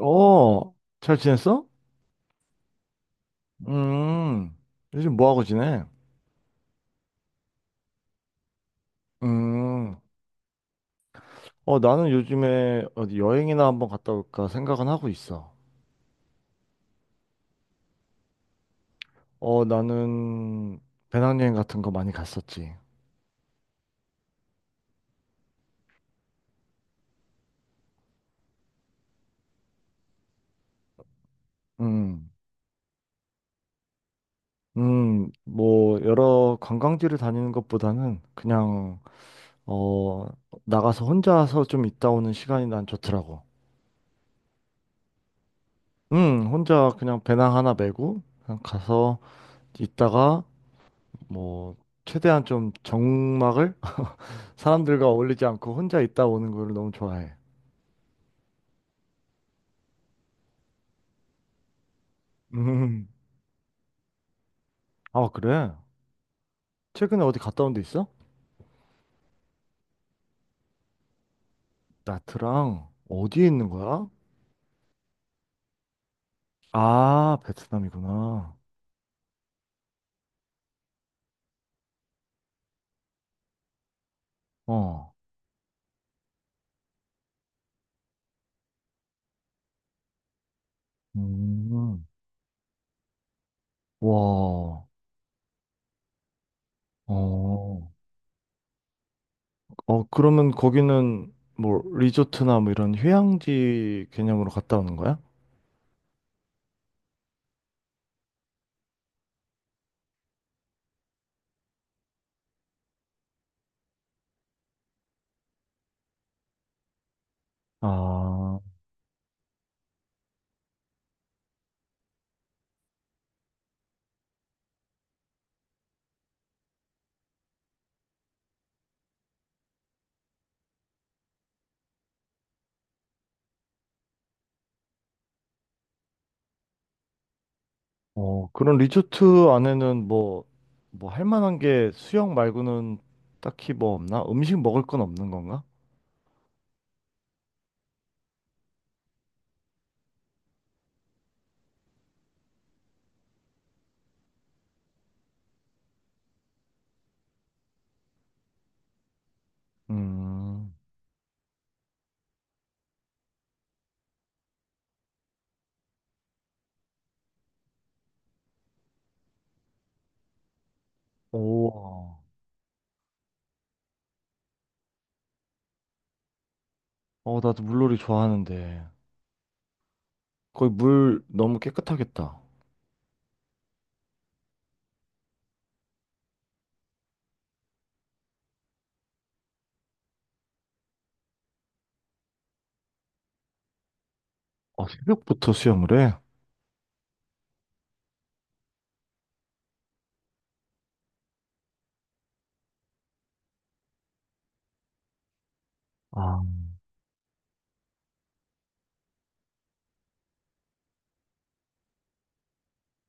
어, 잘 지냈어? 음, 요즘 뭐 하고 지내? 음, 나는 요즘에 어디 여행이나 한번 갔다 올까 생각은 하고 있어. 나는 배낭여행 같은 거 많이 갔었지. 음, 음. 여러 관광지를 다니는 것보다는 어, 나가서 혼자서 좀 있다 오는 시간이 난 좋더라고. 혼자 그냥 배낭 하나 메고 그냥 가서 있다가 뭐, 최대한 좀 적막을 사람들과 어울리지 않고 혼자 있다 오는 걸 너무 좋아해. 음. 아, 그래? 최근에 어디 갔다 온데 있어? 나트랑 어디에 있는 거야? 아, 베트남이구나. 어. 음. 와. 어. 어, 그러면 거기는 뭐 리조트나 뭐 이런 휴양지 개념으로 갔다 오는 거야? 아, 어, 그런 리조트 안에는 뭐 할 만한 게 수영 말고는 딱히 뭐 없나? 음식 먹을 건 없는 건가? 음. 오. 어, 나도 물놀이 좋아하는데. 거기 물 너무 깨끗하겠다. 아, 새벽부터 수영을 해? 아.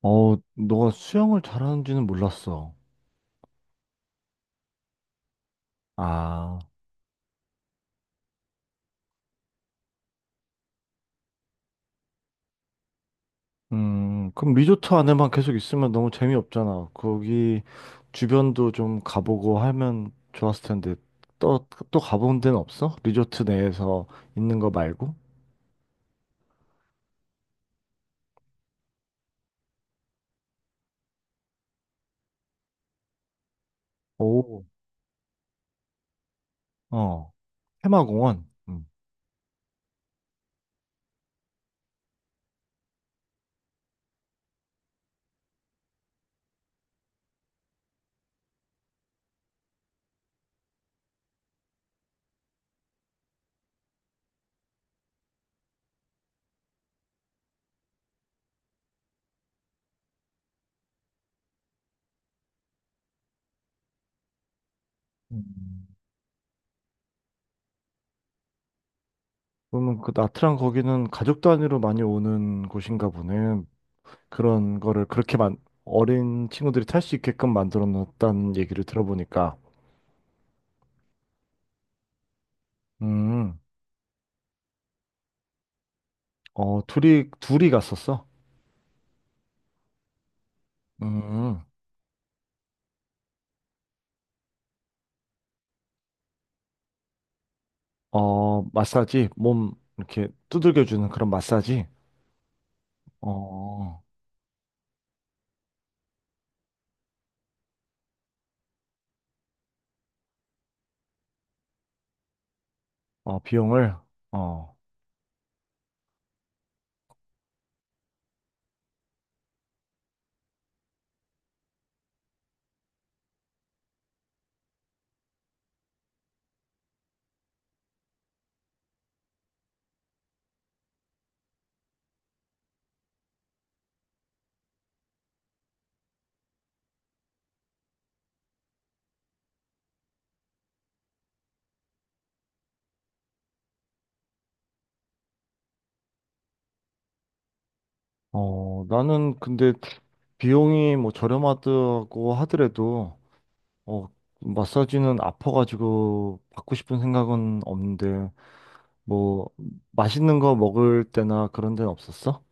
어, 너가 수영을 잘하는지는 몰랐어. 아. 그럼 리조트 안에만 계속 있으면 너무 재미없잖아. 거기 주변도 좀 가보고 하면 좋았을 텐데. 또, 또 가본 데는 없어? 리조트 내에서 있는 거 말고? 오. 어, 테마공원. 음. 음. 그러면 그 나트랑 거기는 가족 단위로 많이 오는 곳인가 보네. 그런 거를 그렇게 만, 어린 친구들이 탈 수 있게끔 만들어 놨다는 얘기를 들어보니까. 음, 어, 둘이, 둘이 갔었어. 음, 어, 마사지, 몸 이렇게 두들겨주는 그런 마사지. 어, 어, 비용을. 어, 나는 근데 비용이 뭐 저렴하다고 하더라도, 어, 마사지는 아파가지고 받고 싶은 생각은 없는데, 뭐, 맛있는 거 먹을 때나 그런 데는 없었어?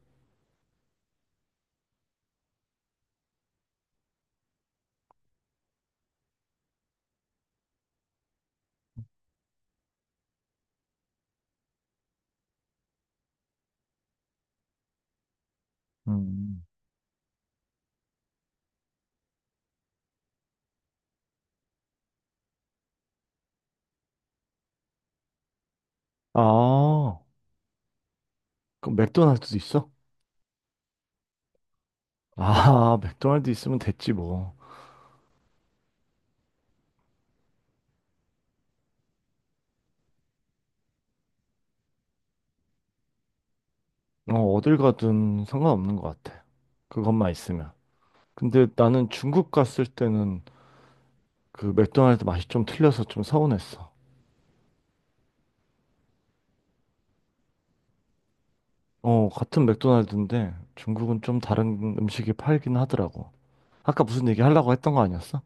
음. 아, 그럼 맥도날드도 있어? 아, 맥도날드 있으면 됐지 뭐. 어, 어딜 가든 상관없는 것 같아. 그것만 있으면. 근데 나는 중국 갔을 때는 그 맥도날드 맛이 좀 틀려서 좀 서운했어. 어, 같은 맥도날드인데 중국은 좀 다른 음식이 팔긴 하더라고. 아까 무슨 얘기 하려고 했던 거 아니었어?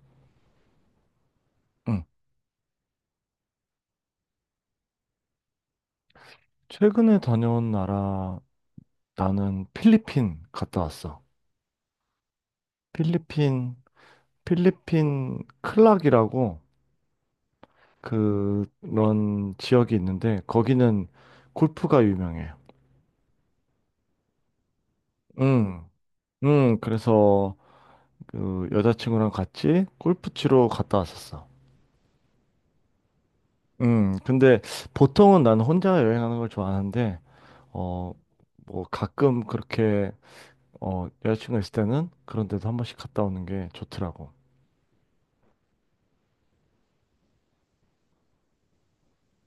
응. 최근에 다녀온 나라, 나는 필리핀 갔다 왔어. 필리핀, 필리핀 클락이라고 그런 지역이 있는데 거기는 골프가 유명해요. 응, 응, 그래서 그 여자친구랑 같이 골프 치러 갔다 왔었어. 응, 근데 보통은 난 혼자 여행하는 걸 좋아하는데, 어, 뭐 가끔 그렇게, 여자친구가 있을 때는 그런 데도 한 번씩 갔다 오는 게 좋더라고.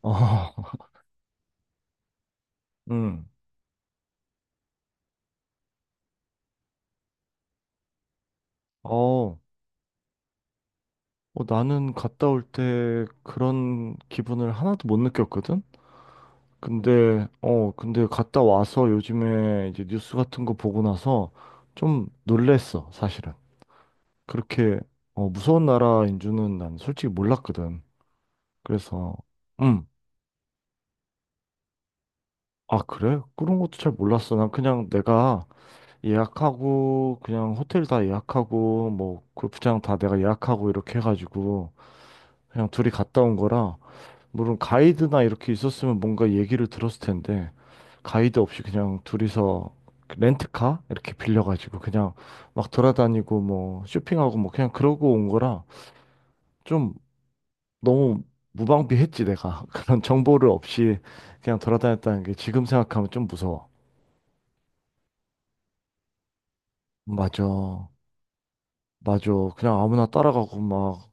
어, 응, 어, 나는 갔다 올 때 그런 기분을 하나도 못 느꼈거든? 근데 갔다 와서 요즘에 이제 뉴스 같은 거 보고 나서 좀 놀랬어, 사실은. 그렇게, 어, 무서운 나라인 줄은 난 솔직히 몰랐거든. 그래서, 음, 아, 그래? 그런 것도 잘 몰랐어. 난 그냥 내가 예약하고, 그냥 호텔 다 예약하고, 뭐, 골프장 다 내가 예약하고 이렇게 해가지고, 그냥 둘이 갔다 온 거라, 물론 가이드나 이렇게 있었으면 뭔가 얘기를 들었을 텐데 가이드 없이 그냥 둘이서 렌트카 이렇게 빌려가지고 그냥 막 돌아다니고 뭐 쇼핑하고 뭐 그냥 그러고 온 거라 좀 너무 무방비했지 내가 그런 정보를 없이 그냥 돌아다녔다는 게 지금 생각하면 좀 무서워. 맞아, 맞아. 그냥 아무나 따라가고 막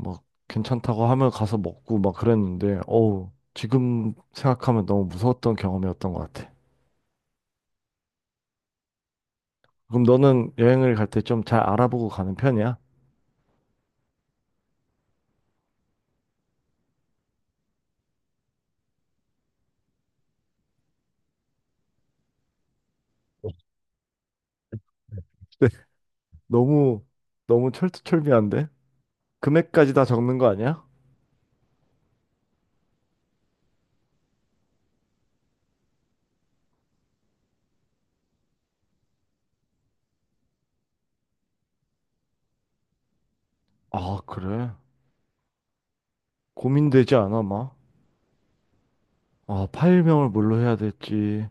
막 괜찮다고 하면 가서 먹고 막 그랬는데 어우 지금 생각하면 너무 무서웠던 경험이었던 것 같아. 그럼 너는 여행을 갈 때 좀 잘 알아보고 가는 편이야? 네. 너무, 너무 철두철미한데? 금액까지 다 적는 거 아니야? 아, 그래. 고민되지 않아, 막? 아, 파일명을 뭘로 해야 될지,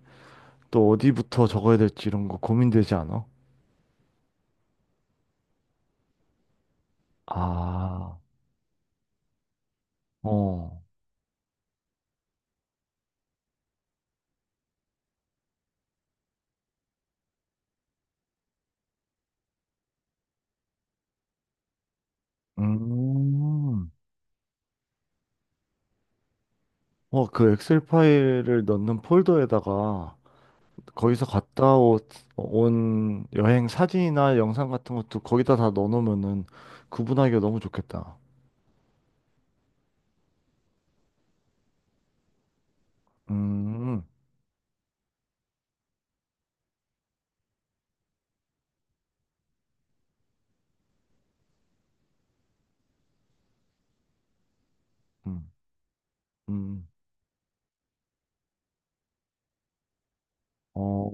또 어디부터 적어야 될지 이런 거 고민되지 않아? 아, 어. 음. 어, 그 엑셀 파일을 넣는 폴더에다가 거기서 갔다 오- 온 여행 사진이나 영상 같은 것도 거기다 다 넣어놓으면은 구분하기가 너무 좋겠다. 음, 음, 음. 어,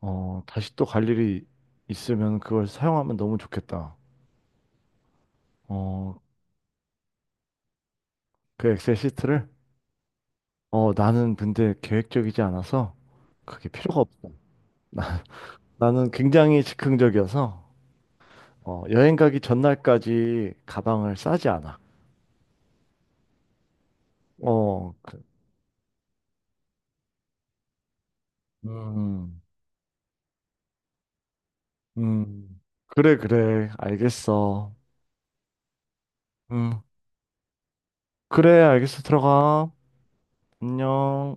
다시 또 갈 일이 있으면 그걸 사용하면 너무 좋겠다. 어, 그 엑셀 시트를? 어, 나는 근데 계획적이지 않아서 그게 필요가 없어. 나, 는 굉장히 즉흥적이어서 어, 여행 가기 전날까지 가방을 싸지 않아. 어, 그, 음, 음. 그래, 그래. 알겠어. 음, 그래, 알겠어. 들어가. 안녕.